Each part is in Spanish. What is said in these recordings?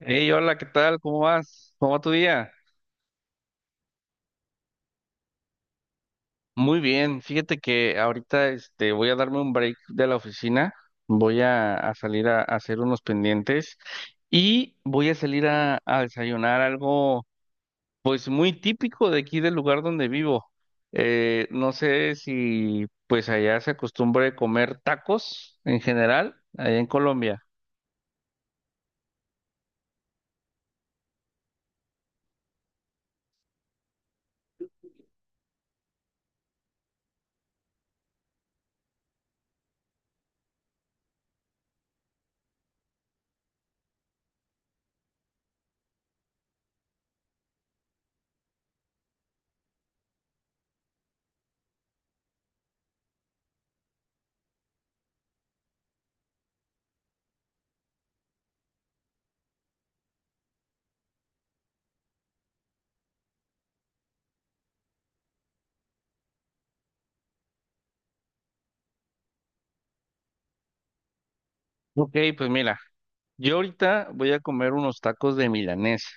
Hey, hola, ¿qué tal? ¿Cómo vas? ¿Cómo va tu día? Muy bien, fíjate que ahorita voy a darme un break de la oficina, voy a salir a hacer unos pendientes y voy a salir a desayunar algo pues muy típico de aquí del lugar donde vivo. No sé si pues allá se acostumbre comer tacos en general, allá en Colombia. Ok, pues mira, yo ahorita voy a comer unos tacos de milanesa.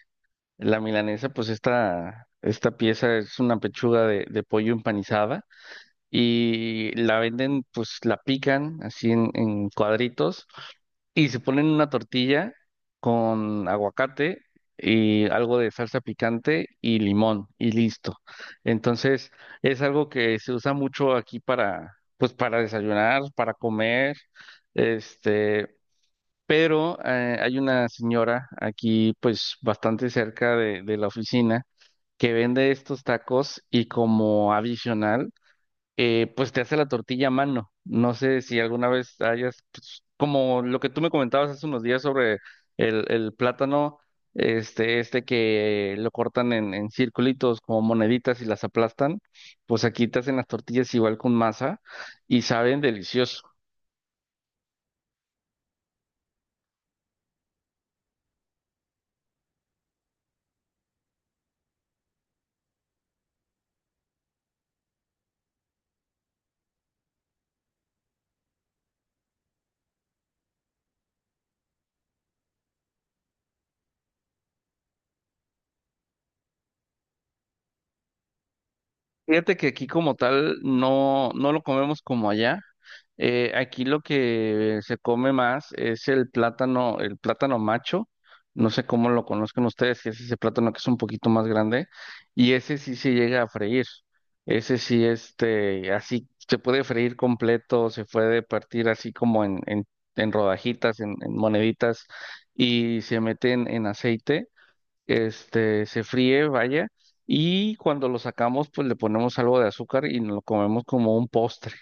La milanesa, pues esta pieza es una pechuga de pollo empanizada y la venden, pues la pican así en cuadritos y se ponen una tortilla con aguacate y algo de salsa picante y limón y listo. Entonces es algo que se usa mucho aquí para, pues para desayunar, para comer, este pero hay una señora aquí, pues bastante cerca de la oficina, que vende estos tacos y como adicional, pues te hace la tortilla a mano. No sé si alguna vez hayas, pues, como lo que tú me comentabas hace unos días sobre el plátano, este que lo cortan en circulitos como moneditas y las aplastan, pues aquí te hacen las tortillas igual con masa y saben delicioso. Fíjate que aquí como tal no, no lo comemos como allá. Aquí lo que se come más es el plátano macho. No sé cómo lo conozcan ustedes, si es ese plátano que es un poquito más grande. Y ese sí se llega a freír. Ese sí, así se puede freír completo, se puede partir así como en rodajitas, en moneditas, y se mete en aceite se fríe, vaya, y cuando lo sacamos, pues le ponemos algo de azúcar y nos lo comemos como un postre.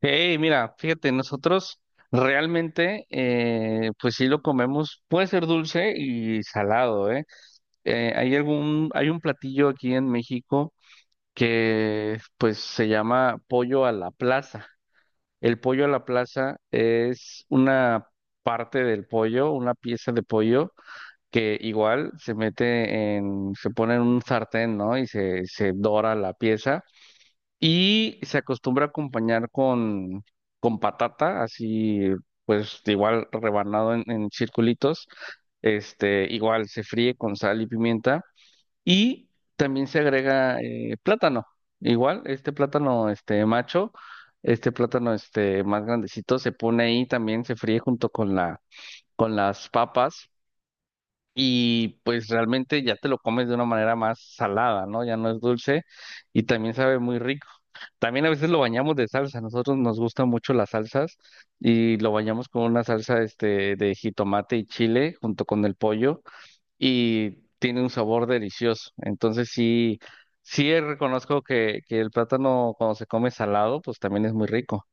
Hey, mira, fíjate, nosotros realmente, pues sí lo comemos, puede ser dulce y salado, ¿eh? Hay un platillo aquí en México que, pues, se llama pollo a la plaza. El pollo a la plaza es una parte del pollo, una pieza de pollo que igual se mete en, se pone en un sartén, ¿no? Y se dora la pieza y se acostumbra a acompañar con patata, así pues igual rebanado en circulitos, igual se fríe con sal y pimienta y también se agrega plátano, igual este plátano este macho, este plátano este más grandecito se pone ahí también, se fríe junto con la, con las papas y pues realmente ya te lo comes de una manera más salada, ¿no? Ya no es dulce y también sabe muy rico. También a veces lo bañamos de salsa, nosotros nos gustan mucho las salsas y lo bañamos con una salsa este de jitomate y chile junto con el pollo y tiene un sabor delicioso. Entonces sí, sí reconozco que el plátano cuando se come salado, pues también es muy rico.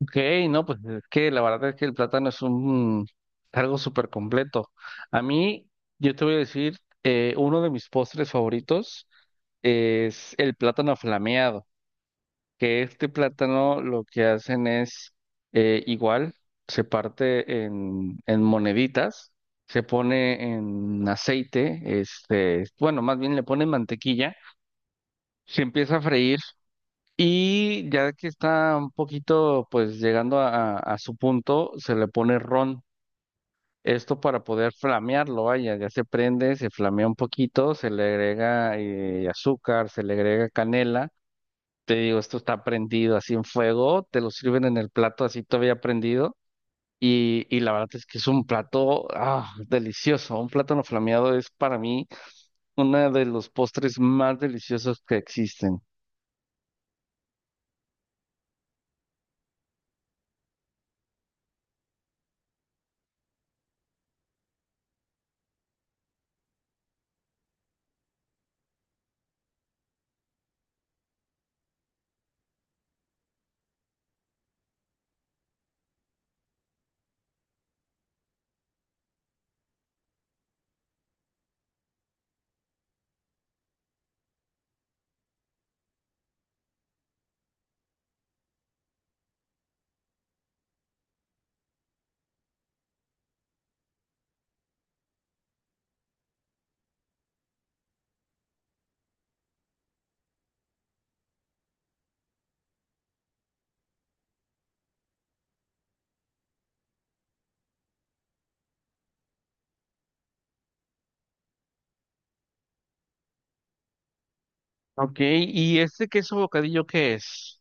Ok, no, pues es que la verdad es que el plátano es un algo súper completo. A mí, yo te voy a decir, uno de mis postres favoritos es el plátano flameado, que este plátano lo que hacen es igual, se parte en moneditas, se pone en aceite, este, bueno, más bien le ponen mantequilla, se empieza a freír y ya que está un poquito, pues llegando a su punto, se le pone ron. Esto para poder flamearlo, vaya, ya se prende, se flamea un poquito, se le agrega azúcar, se le agrega canela. Te digo, esto está prendido así en fuego, te lo sirven en el plato así todavía prendido. Y la verdad es que es un plato delicioso. Un plátano flameado es para mí uno de los postres más deliciosos que existen. Ok, ¿y este queso bocadillo qué es?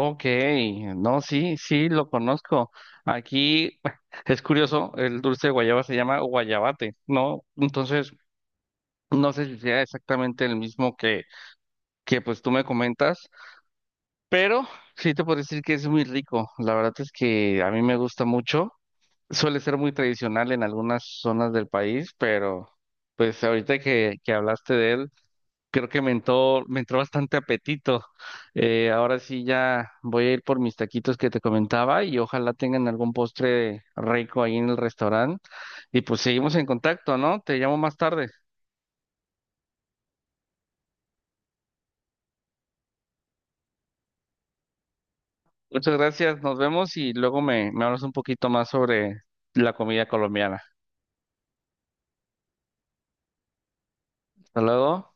Ok, no, sí, sí, lo conozco. Aquí es curioso, el dulce de guayaba se llama guayabate, ¿no? Entonces, no sé si sea exactamente el mismo que pues tú me comentas, pero sí te puedo decir que es muy rico. La verdad es que a mí me gusta mucho. Suele ser muy tradicional en algunas zonas del país, pero pues ahorita que hablaste de él, creo que me entró bastante apetito. Ahora sí ya voy a ir por mis taquitos que te comentaba y ojalá tengan algún postre rico ahí en el restaurante. Y pues seguimos en contacto, ¿no? Te llamo más tarde. Muchas gracias, nos vemos y luego me, me hablas un poquito más sobre la comida colombiana. Hasta luego.